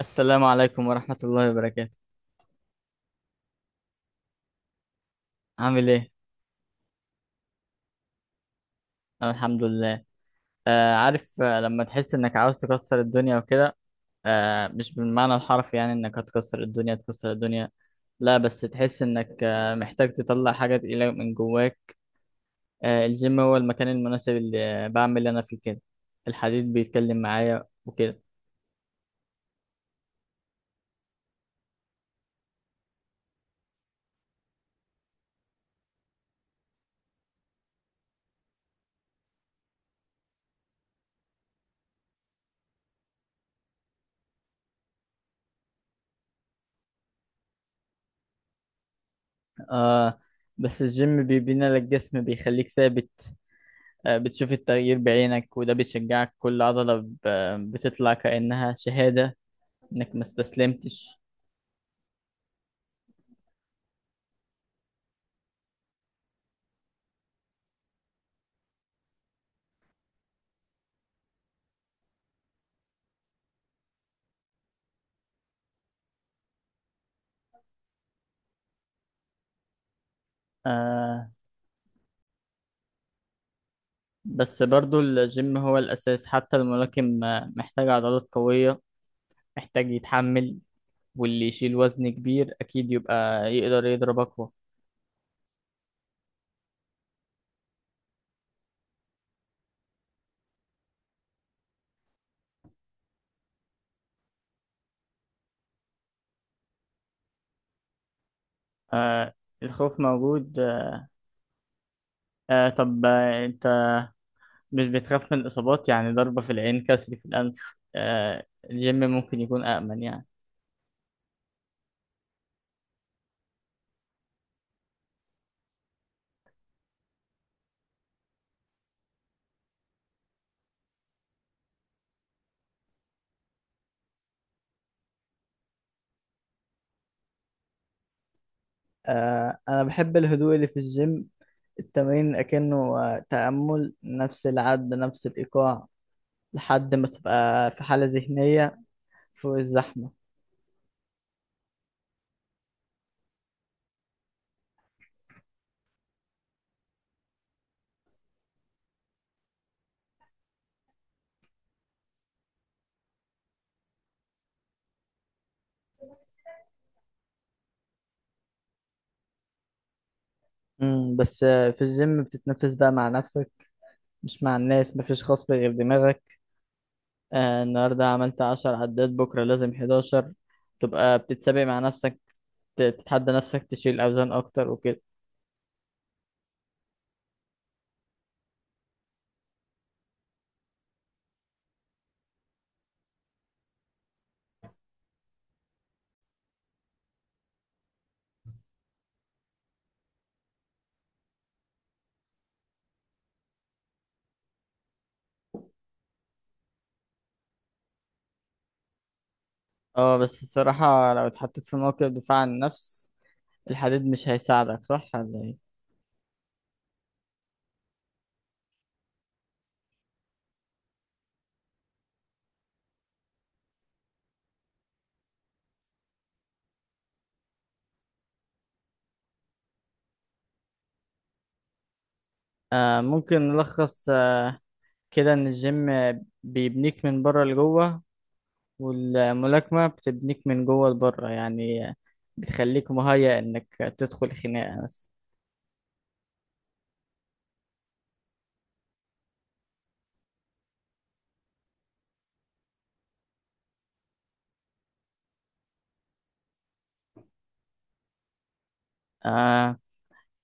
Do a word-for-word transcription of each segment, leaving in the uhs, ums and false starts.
السلام عليكم ورحمة الله وبركاته. عامل ايه؟ أنا الحمد لله. آه عارف، آه لما تحس انك عاوز تكسر الدنيا وكده. آه مش بالمعنى الحرفي، يعني انك هتكسر الدنيا تكسر الدنيا. لا بس تحس انك آه محتاج تطلع حاجة تقيلة من جواك. آه الجيم هو المكان المناسب اللي بعمل انا فيه كده. الحديد بيتكلم معايا وكده. آه، بس الجيم بيبني لك جسم، بيخليك ثابت. آه بتشوف التغيير بعينك، وده بيشجعك. كل عضلة ب- بتطلع كأنها شهادة انك ما استسلمتش. آه، بس برضو الجيم هو الاساس. حتى الملاكم آه، محتاج عضلات قوية، محتاج يتحمل. واللي يشيل وزن كبير اكيد يبقى يقدر يضرب اقوى. آه، الخوف موجود. آه طب، آه، انت مش بتخاف من الاصابات؟ يعني ضربة في العين، كسر في الانف. آه الجيم ممكن يكون امن يعني. آه، أنا بحب الهدوء اللي في الجيم. التمرين أكنه آه، تأمل، نفس العد، نفس الإيقاع، لحد ما تبقى في حالة ذهنية فوق الزحمة. امم بس آه، في الجيم بتتنفس بقى مع نفسك، مش مع الناس. مفيش خصب غير دماغك. آه، النهاردة عملت عشر عدات، بكرة لازم حداشر. تبقى بتتسابق مع نفسك، ت- تتحدى نفسك، تشيل أوزان أكتر وكده. اه، بس الصراحة لو اتحطيت في موقف دفاع عن النفس، الحديد مش هيساعدك، صح ولا ايه؟ آه ممكن نلخص آه كده إن الجيم بيبنيك من بره لجوه، والملاكمة بتبنيك من جوه لبره. يعني بتخليك مهيأ إنك تدخل خناقة بس. آه،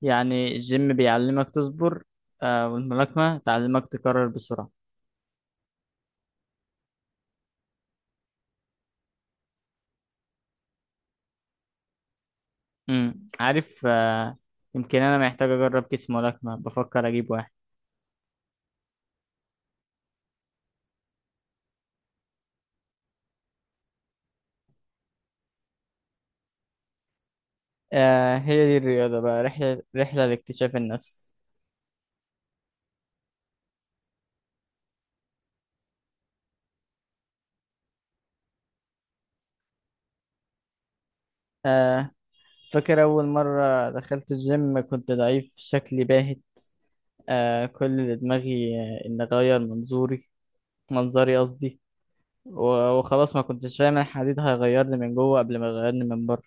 يعني الجيم بيعلمك تصبر، آه، والملاكمة تعلمك تكرر بسرعة. امم عارف، آه، يمكن أنا محتاج أجرب كيس ملاكمة. بفكر أجيب واحد. آه، هي دي الرياضة بقى، رحلة، رحلة لاكتشاف النفس. آه، فاكر أول مرة دخلت الجيم كنت ضعيف، شكلي باهت. آه كل اللي دماغي آه، إن أغير منظوري، منظري قصدي. و- وخلاص ما كنتش فاهم الحديد هيغيرني من جوه قبل ما يغيرني من بره.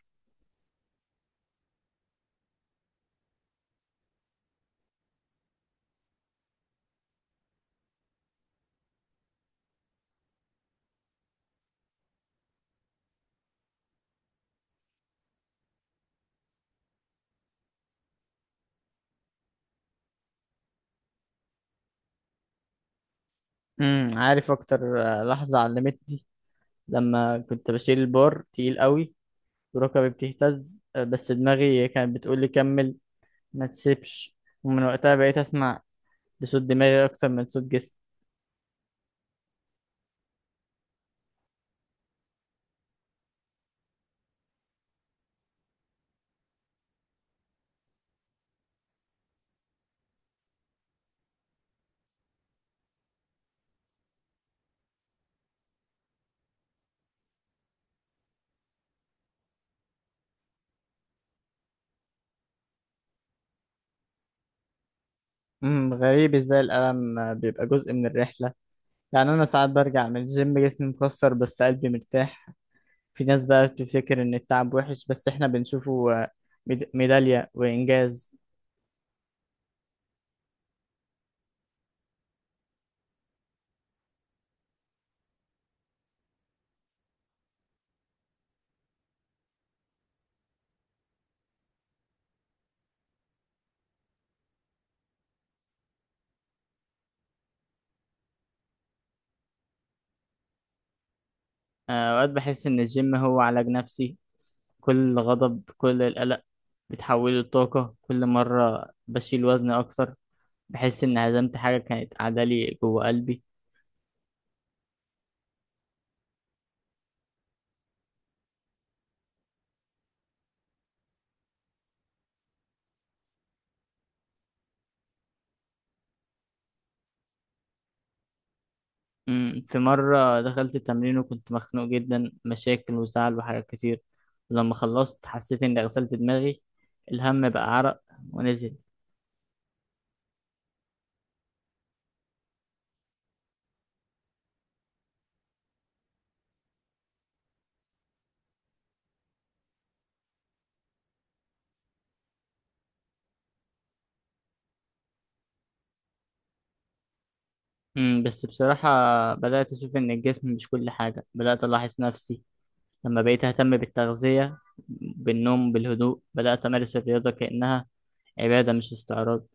امم عارف اكتر آه، لحظة علمتني لما كنت بشيل البار تقيل قوي وركبي بتهتز، آه، بس دماغي كانت بتقول لي كمل، ما تسيبش. ومن وقتها بقيت اسمع لصوت دماغي اكتر من صوت جسمي. امم غريب ازاي الألم آه، بيبقى جزء من الرحلة. يعني انا ساعات برجع من الجيم جسمي مكسر بس قلبي مرتاح. في ناس بقى بتفتكر ان التعب وحش، بس احنا بنشوفه آه، ميد- ميدالية وإنجاز. آه، أوقات بحس إن الجيم هو علاج نفسي. كل غضب، كل القلق، بتحوله لطاقة. كل مرة بشيل وزن أكتر بحس إن هزمت حاجة كانت قاعدة لي جوه قلبي. أمم، في مرة دخلت التمرين وكنت مخنوق جدا، مشاكل وزعل وحاجات كتير. ولما خلصت حسيت إني غسلت دماغي، الهم بقى عرق ونزل. أمم، بس بصراحة بدأت أشوف إن الجسم مش كل حاجة. بدأت ألاحظ نفسي لما بقيت أهتم بالتغذية، بالنوم، بالهدوء. بدأت أمارس الرياضة كأنها عبادة، مش استعراض.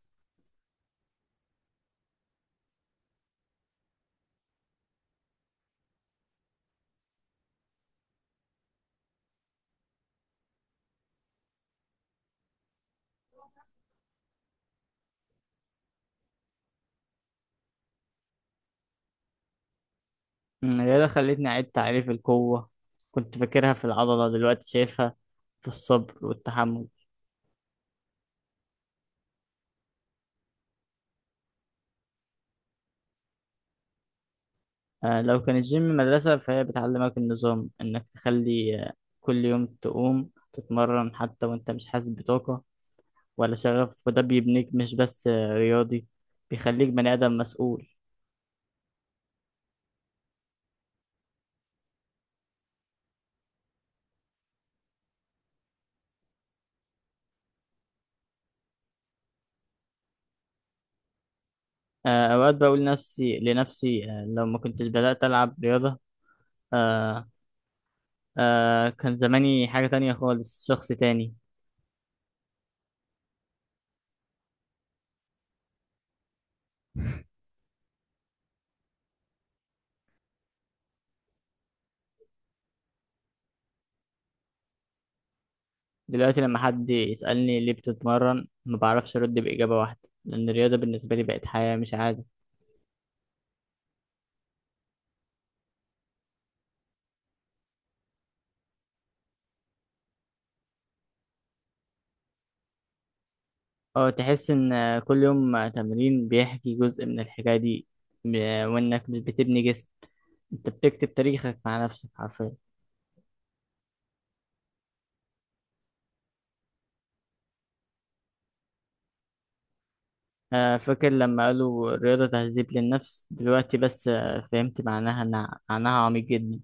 أمم، الرياضة خلتني أعيد تعريف القوة. كنت فاكرها في العضلة، دلوقتي شايفها في الصبر والتحمل. آه، لو كان الجيم مدرسة فهي بتعلمك النظام، إنك تخلي آه، كل يوم تقوم تتمرن حتى وإنت مش حاسس بطاقة ولا شغف. وده بيبنيك مش بس آه، رياضي، بيخليك بني آدم مسؤول. آه، أوقات بقول نفسي لنفسي، آه، لو ما كنتش بدأت ألعب رياضة، آه، آه، كان زماني حاجة تانية خالص، شخص تاني. دلوقتي لما حد يسألني ليه بتتمرن، ما بعرفش أرد بإجابة واحدة، لأن الرياضة بالنسبة لي بقت حياة مش عادة. اه، تحس إن آه، كل يوم آه، تمرين بيحكي جزء من الحكاية دي. م- آه، وإنك مش بتبني جسم، أنت بتكتب تاريخك مع نفسك حرفيا. آه، فاكر لما قالوا الرياضة تهذيب للنفس، دلوقتي بس آه، فهمت معناها، إنها- معناها عميق جدا.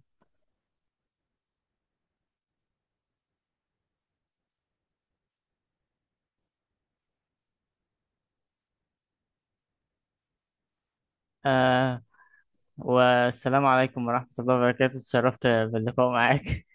آه، والسلام عليكم ورحمة الله وبركاته، اتشرفت باللقاء معاك.